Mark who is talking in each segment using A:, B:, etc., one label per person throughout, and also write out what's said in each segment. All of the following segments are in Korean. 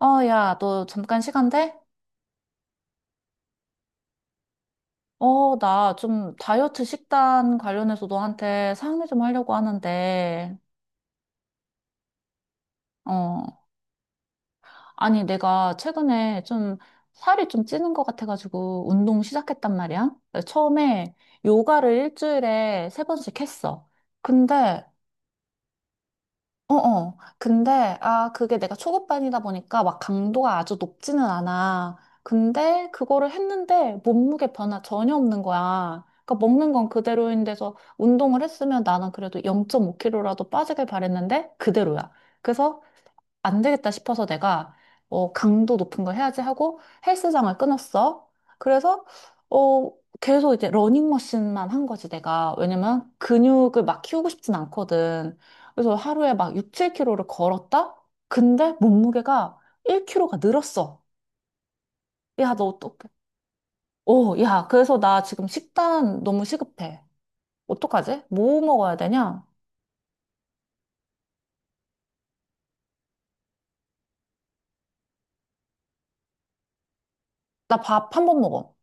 A: 야, 너 잠깐 시간 돼? 나 좀 다이어트 식단 관련해서 너한테 상의 좀 하려고 하는데, 어, 아니, 내가 최근에 좀 살이 좀 찌는 것 같아가지고 운동 시작했단 말이야. 처음에 요가를 일주일에 세 번씩 했어. 근데 어어. 근데, 아, 그게 내가 초급반이다 보니까 막 강도가 아주 높지는 않아. 근데 그거를 했는데 몸무게 변화 전혀 없는 거야. 그러니까 먹는 건 그대로인데서 운동을 했으면 나는 그래도 0.5kg라도 빠지길 바랬는데 그대로야. 그래서 안 되겠다 싶어서 내가 강도 높은 걸 해야지 하고 헬스장을 끊었어. 그래서 어, 계속 이제 러닝머신만 한 거지 내가. 왜냐면 근육을 막 키우고 싶진 않거든. 그래서 하루에 막 6, 7kg를 걸었다? 근데 몸무게가 1kg가 늘었어. 야, 너 어떡해? 오, 야, 그래서 나 지금 식단 너무 시급해. 어떡하지? 뭐 먹어야 되냐? 나 밥 한번 먹어.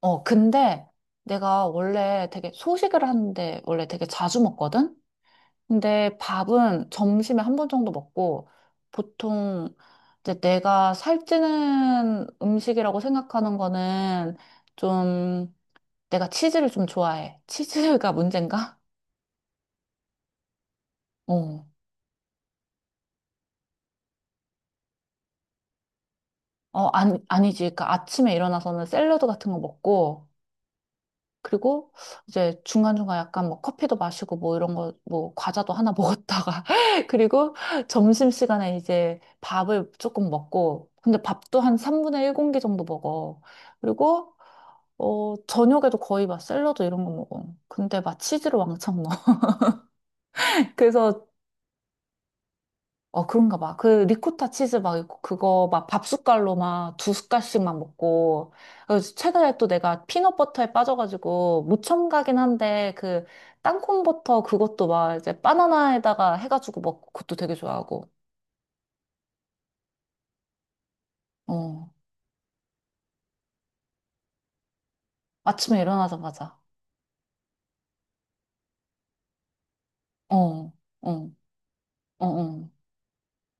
A: 근데 내가 원래 되게 소식을 하는데 원래 되게 자주 먹거든? 근데 밥은 점심에 한 번 정도 먹고 보통 이제 내가 살찌는 음식이라고 생각하는 거는 좀 내가 치즈를 좀 좋아해. 치즈가 문제인가? 어. 아니, 아니지. 그러니까 아침에 일어나서는 샐러드 같은 거 먹고 그리고 이제 중간중간 약간 뭐 커피도 마시고 뭐 이런 거, 뭐 과자도 하나 먹었다가. 그리고 점심시간에 이제 밥을 조금 먹고. 근데 밥도 한 3분의 1 공기 정도 먹어. 그리고, 저녁에도 거의 막 샐러드 이런 거 먹어. 근데 막 치즈를 왕창 넣어. 그래서 그런가 봐. 그 리코타 치즈 막 있고 그거 막 밥 숟갈로 막 두 숟갈씩만 먹고. 그래서 최근에 또 내가 피넛버터에 빠져가지고 무첨가긴 한데 그 땅콩버터 그것도 막 이제 바나나에다가 해가지고 먹고 그것도 되게 좋아하고. 어. 아침에 일어나자마자. 어. 어. 어. 어.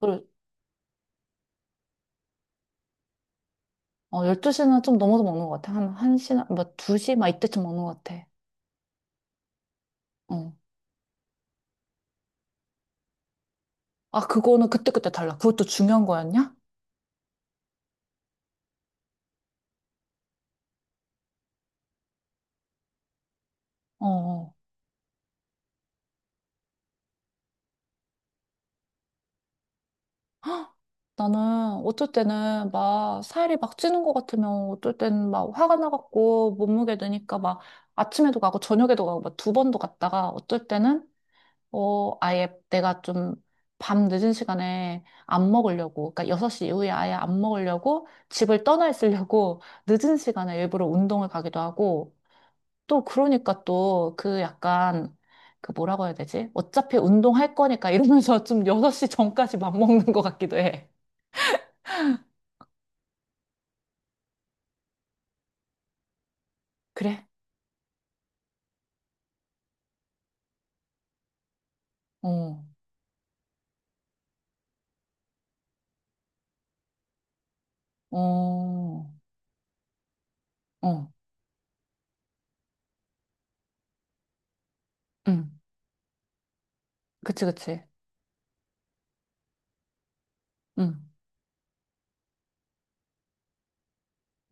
A: 그리고 12시는 좀 넘어서 먹는 것 같아. 한 1시나 뭐 2시 막 이때쯤 먹는 것 같아. 어. 아, 그거는 그때그때 달라. 그것도 중요한 거였냐? 어. 어. 헉! 나는 어쩔 때는 막 살이 막 찌는 것 같으면 어쩔 때는 막 화가 나갖고 몸무게 드니까 막 아침에도 가고 저녁에도 가고 막 두 번도 갔다가 어쩔 때는 아예 내가 좀 밤 늦은 시간에 안 먹으려고 그러니까 6시 이후에 아예 안 먹으려고 집을 떠나 있으려고 늦은 시간에 일부러 운동을 가기도 하고 또 그러니까 또 그 약간 그 뭐라고 해야 되지? 어차피 운동할 거니까 이러면서 좀 6시 전까지 맘먹는 것 같기도 해. 그래? 어, 어, 어, 응, 그치, 그치, 응,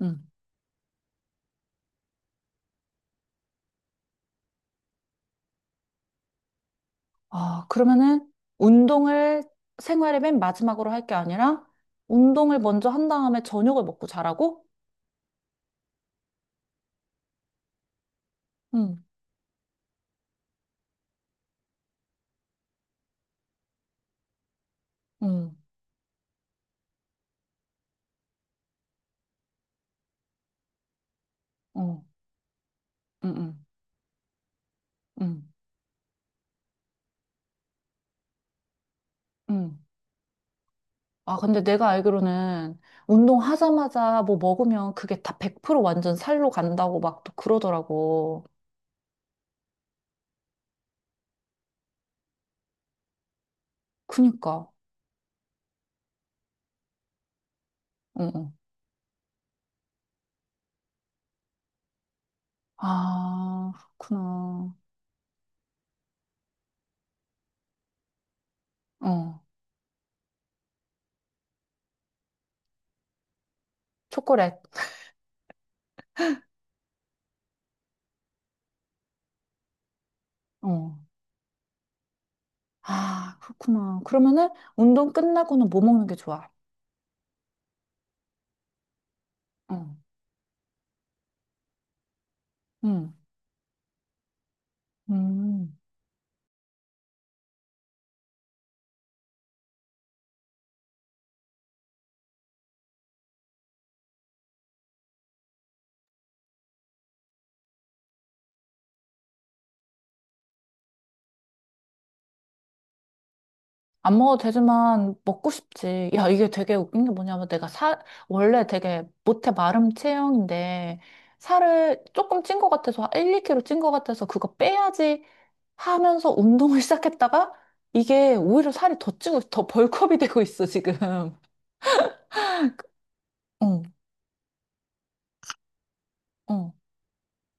A: 응. 아, 그러면은 운동을 생활의 맨 마지막으로 할 게 아니라 운동을 먼저 한 다음에 저녁을 먹고 자라고? 응, 응, 어, 응, 응, 응, 응. 아, 근데 내가 알기로는 운동하자마자 뭐 먹으면 그게 다 100% 완전 살로 간다고 막 또 그러더라고. 그니까, 어, 어. 아, 그렇구나. 어, 초콜릿. 어. 아, 그렇구나. 그러면은 운동 끝나고는 뭐 먹는 게 좋아? 어. 음. 음. 안 먹어도 되지만 먹고 싶지. 야, 이게 되게 웃긴 게 뭐냐면 내가 살, 원래 되게 못해 마름 체형인데 살을 조금 찐 것 같아서 1, 2kg 찐 것 같아서 그거 빼야지 하면서 운동을 시작했다가 이게 오히려 살이 더 찌고 더 벌크업이 되고 있어, 지금. 어, 어,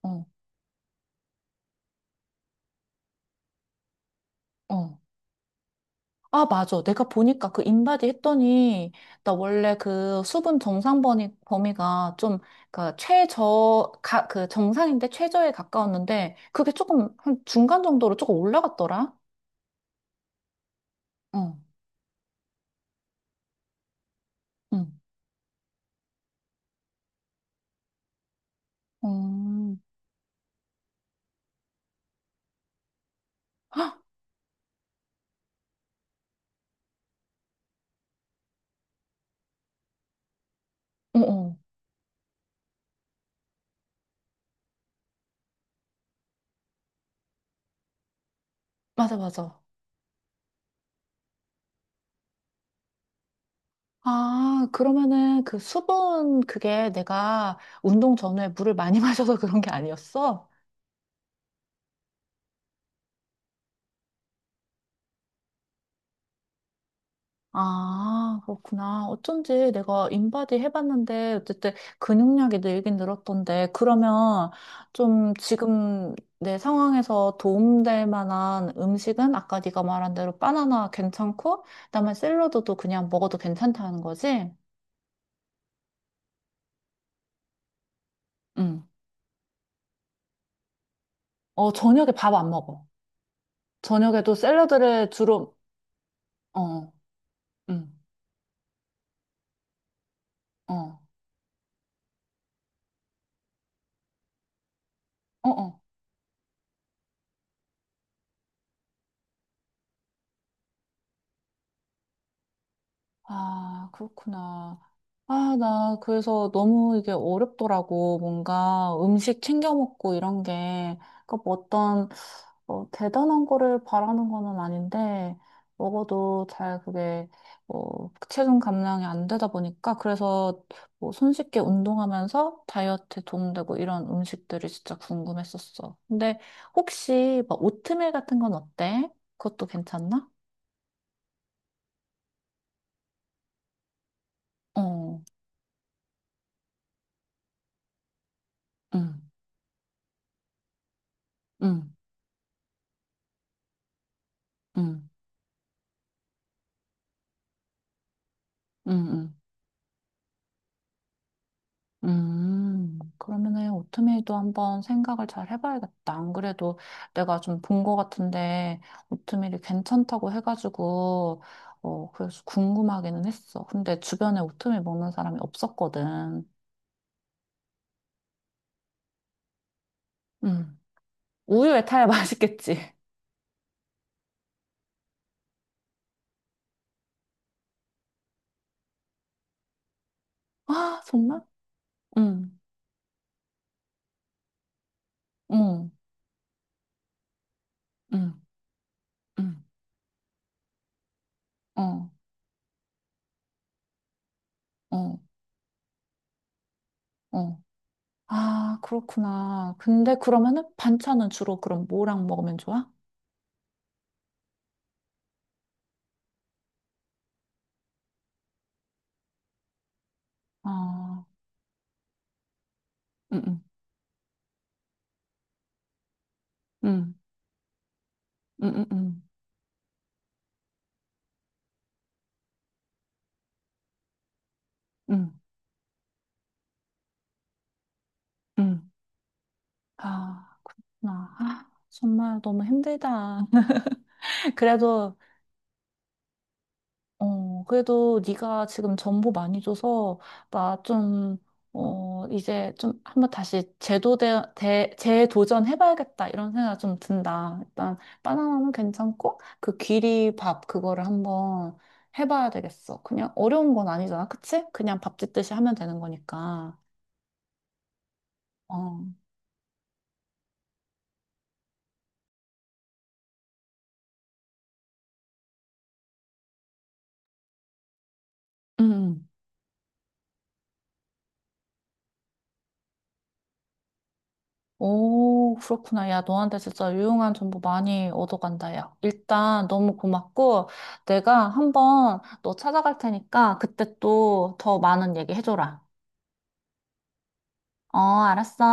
A: 어, 어. 아, 맞아. 내가 보니까 그 인바디 했더니, 나 원래 그 수분 정상 범위가 좀, 그 최저, 그 정상인데 최저에 가까웠는데, 그게 조금, 한 중간 정도로 조금 올라갔더라? 어, 응. 어, 어, 어. 맞아, 맞아. 아, 그러면은 그 수분, 그게 내가 운동 전후에 물을 많이 마셔서 그런 게 아니었어? 아, 그렇구나. 어쩐지 내가 인바디 해봤는데, 어쨌든 근육량이 늘긴 늘었던데, 그러면 좀 지금 내 상황에서 도움될 만한 음식은 아까 네가 말한 대로 바나나 괜찮고, 그다음에 샐러드도 그냥 먹어도 괜찮다는 거지? 응. 어, 저녁에 밥 안 먹어. 저녁에도 샐러드를 주로, 어, 응, 어, 어, 어. 아, 그렇구나. 아, 나 그래서 너무 이게 어렵더라고. 뭔가 음식 챙겨 먹고 이런 게. 그러니까 뭐 어떤 대단한 거를 바라는 거는 아닌데 먹어도 잘 그게 체중 감량이 안 되다 보니까 그래서 뭐 손쉽게 운동하면서 다이어트에 도움되고 이런 음식들이 진짜 궁금했었어. 근데 혹시 막 오트밀 같은 건 어때? 그것도 괜찮나? 어, 응, 응, 응. 음, 음. 그러면은 오트밀도 한번 생각을 잘 해봐야겠다. 안 그래도 내가 좀 본 거 같은데 오트밀이 괜찮다고 해가지고 그래서 궁금하기는 했어. 근데 주변에 오트밀 먹는 사람이 없었거든. 음, 우유에 타야 맛있겠지. 아 정말? 응, 응, 응, 응, 어, 어, 어. 아 그렇구나. 근데 그러면은 반찬은 주로 그럼 뭐랑 먹으면 좋아? 아, 응, 응. 응. 음, 음, 음, 음. 아, 그렇구나. 아, 정말 너무 힘들다. 그래도, 어, 그래도 네가 지금 정보 많이 줘서, 나 좀, 이제 좀 한번 다시 재도전해봐야겠다. 이런 생각 좀 든다. 일단, 바나나는 괜찮고, 그 귀리밥, 그거를 한번 해봐야 되겠어. 그냥 어려운 건 아니잖아. 그치? 그냥 밥 짓듯이 하면 되는 거니까. 어, 음. 오, 그렇구나. 야, 너한테 진짜 유용한 정보 많이 얻어간다, 야. 일단 너무 고맙고, 내가 한번 너 찾아갈 테니까 그때 또 더 많은 얘기 해줘라. 어, 알았어.